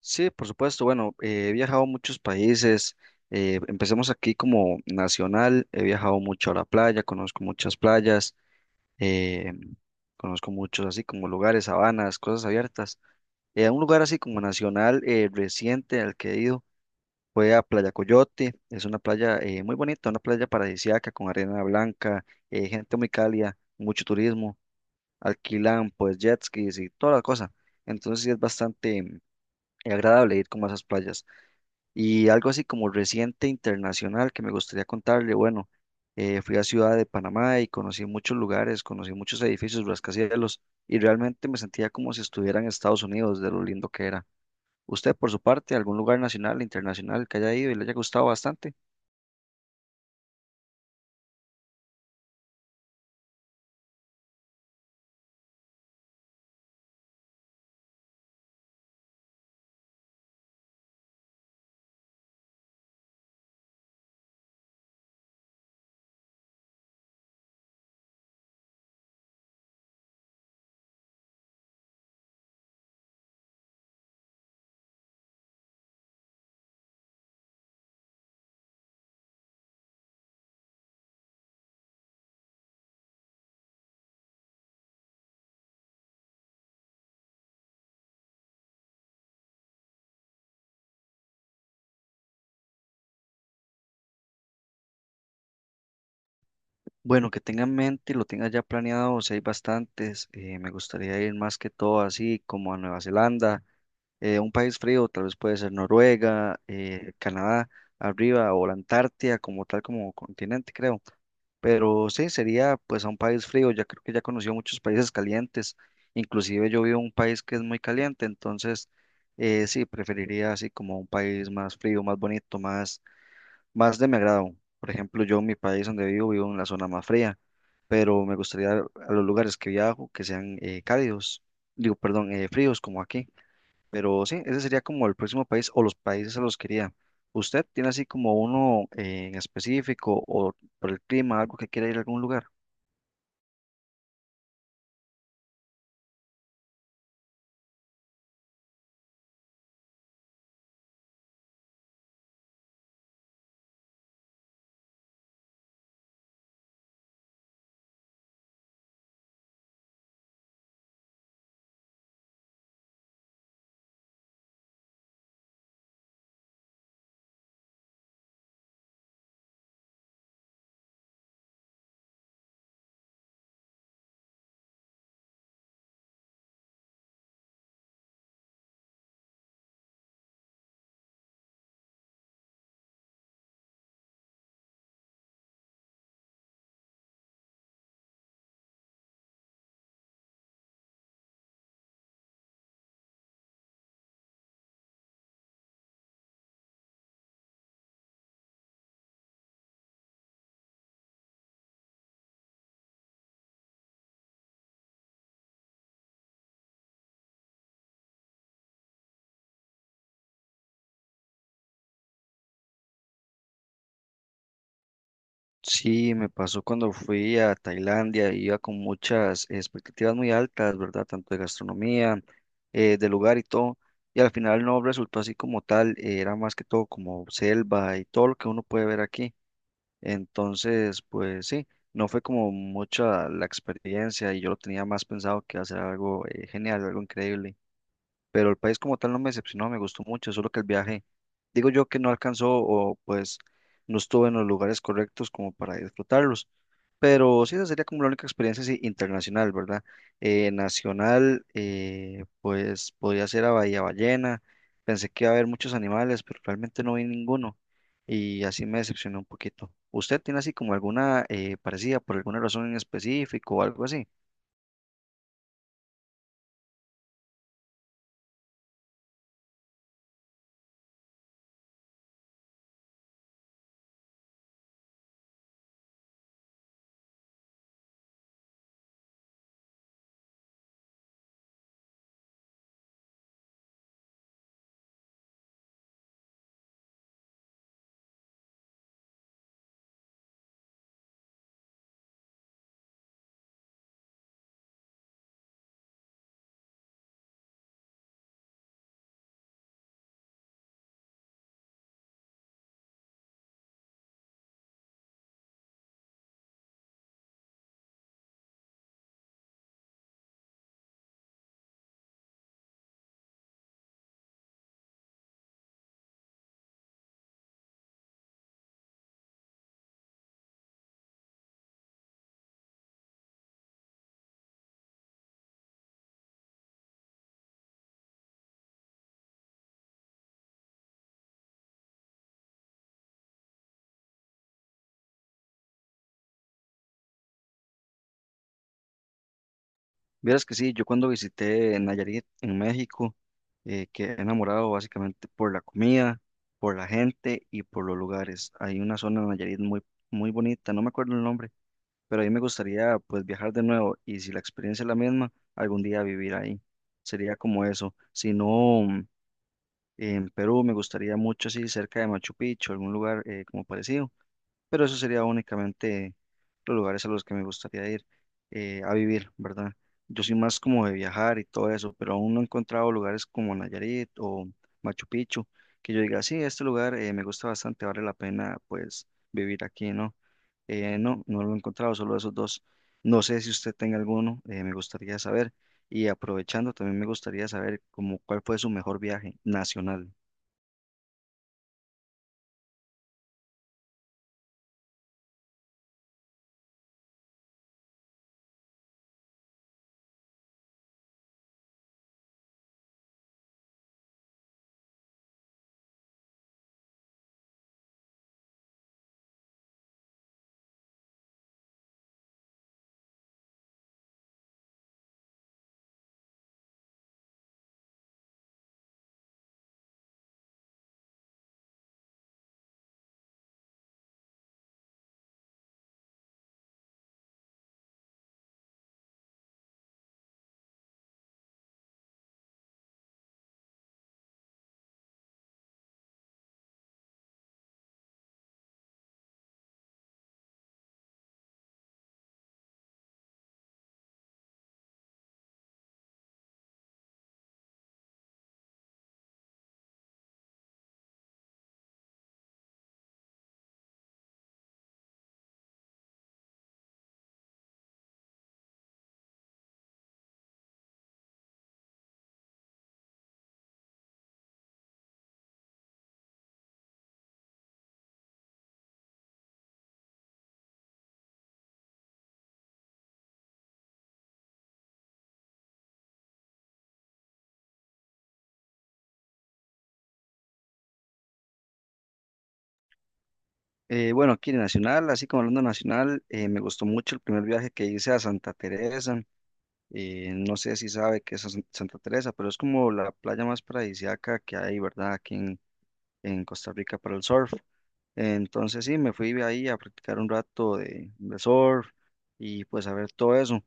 Sí, por supuesto. Bueno, he viajado a muchos países. Empecemos aquí como nacional. He viajado mucho a la playa, conozco muchas playas, eh, conozco muchos así como lugares, sabanas, cosas abiertas. Un lugar así como nacional reciente al que he ido fue a Playa Coyote. Es una playa muy bonita, una playa paradisíaca con arena blanca, gente muy cálida, mucho turismo. Alquilan pues jet skis y toda la cosa. Entonces sí es bastante agradable ir como a esas playas. Y algo así como reciente internacional que me gustaría contarle, bueno, fui a Ciudad de Panamá y conocí muchos lugares, conocí muchos edificios, rascacielos, y realmente me sentía como si estuviera en Estados Unidos, de lo lindo que era. ¿Usted, por su parte, algún lugar nacional, internacional que haya ido y le haya gustado bastante? Bueno, que tenga en mente y lo tenga ya planeado, si hay bastantes, me gustaría ir más que todo así como a Nueva Zelanda, un país frío, tal vez puede ser Noruega, Canadá, arriba, o la Antártida como tal, como continente, creo. Pero sí, sería pues a un país frío, ya creo que ya conocí muchos países calientes, inclusive yo vivo en un país que es muy caliente, entonces sí, preferiría así como un país más frío, más bonito, más, más de mi agrado. Por ejemplo, yo en mi país donde vivo, vivo en la zona más fría, pero me gustaría a los lugares que viajo que sean cálidos, digo, perdón, fríos como aquí. Pero sí, ese sería como el próximo país o los países a los que iría. ¿Usted tiene así como uno en específico o por el clima, algo que quiera ir a algún lugar? Sí, me pasó cuando fui a Tailandia, iba con muchas expectativas muy altas, ¿verdad? Tanto de gastronomía, de lugar y todo, y al final no resultó así como tal, era más que todo como selva y todo lo que uno puede ver aquí. Entonces, pues sí, no fue como mucha la experiencia y yo lo tenía más pensado que hacer algo genial, algo increíble, pero el país como tal no me decepcionó, me gustó mucho, solo que el viaje, digo yo que no alcanzó o pues no estuve en los lugares correctos como para disfrutarlos, pero sí, esa sería como la única experiencia sí, internacional, ¿verdad? Nacional, pues podía ser a Bahía Ballena, pensé que iba a haber muchos animales, pero realmente no vi ninguno y así me decepcionó un poquito. ¿Usted tiene así como alguna parecida por alguna razón en específico o algo así? Vieras que sí, yo cuando visité Nayarit en México, quedé enamorado básicamente por la comida, por la gente y por los lugares. Hay una zona en Nayarit muy, muy bonita, no me acuerdo el nombre, pero a mí me gustaría pues viajar de nuevo y si la experiencia es la misma, algún día vivir ahí. Sería como eso. Si no, en Perú me gustaría mucho así cerca de Machu Picchu, algún lugar como parecido, pero eso sería únicamente los lugares a los que me gustaría ir a vivir, ¿verdad? Yo soy más como de viajar y todo eso, pero aún no he encontrado lugares como Nayarit o Machu Picchu que yo diga, sí, este lugar me gusta bastante, vale la pena pues vivir aquí, ¿no? No, no lo he encontrado, solo esos dos. No sé si usted tenga alguno, me gustaría saber. Y aprovechando, también me gustaría saber como cuál fue su mejor viaje nacional. Bueno, aquí nacional, así como hablando nacional, me gustó mucho el primer viaje que hice a Santa Teresa. No sé si sabe qué es Santa Teresa, pero es como la playa más paradisíaca que hay, ¿verdad? Aquí en Costa Rica para el surf. Entonces sí, me fui ahí a practicar un rato de surf y pues a ver todo eso,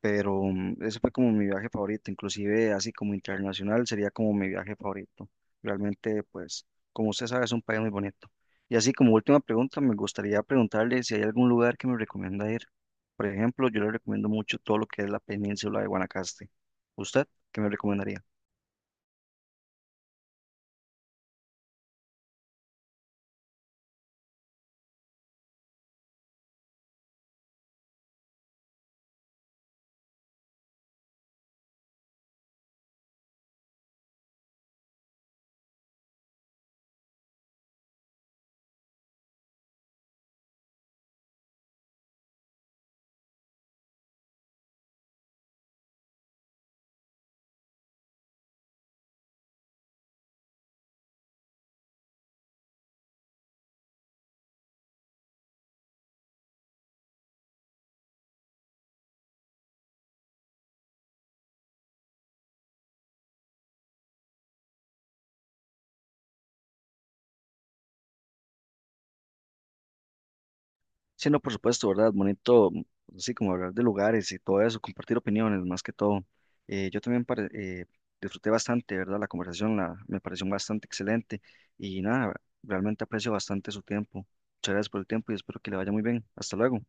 pero ese fue como mi viaje favorito, inclusive así como internacional sería como mi viaje favorito. Realmente, pues, como usted sabe, es un país muy bonito. Y así como última pregunta, me gustaría preguntarle si hay algún lugar que me recomienda ir. Por ejemplo, yo le recomiendo mucho todo lo que es la península de Guanacaste. ¿Usted qué me recomendaría? Sí, no, por supuesto, ¿verdad? Bonito, así como hablar de lugares y todo eso, compartir opiniones más que todo. Yo también disfruté bastante, ¿verdad? La conversación la, me pareció bastante excelente y nada, realmente aprecio bastante su tiempo. Muchas gracias por el tiempo y espero que le vaya muy bien. Hasta luego.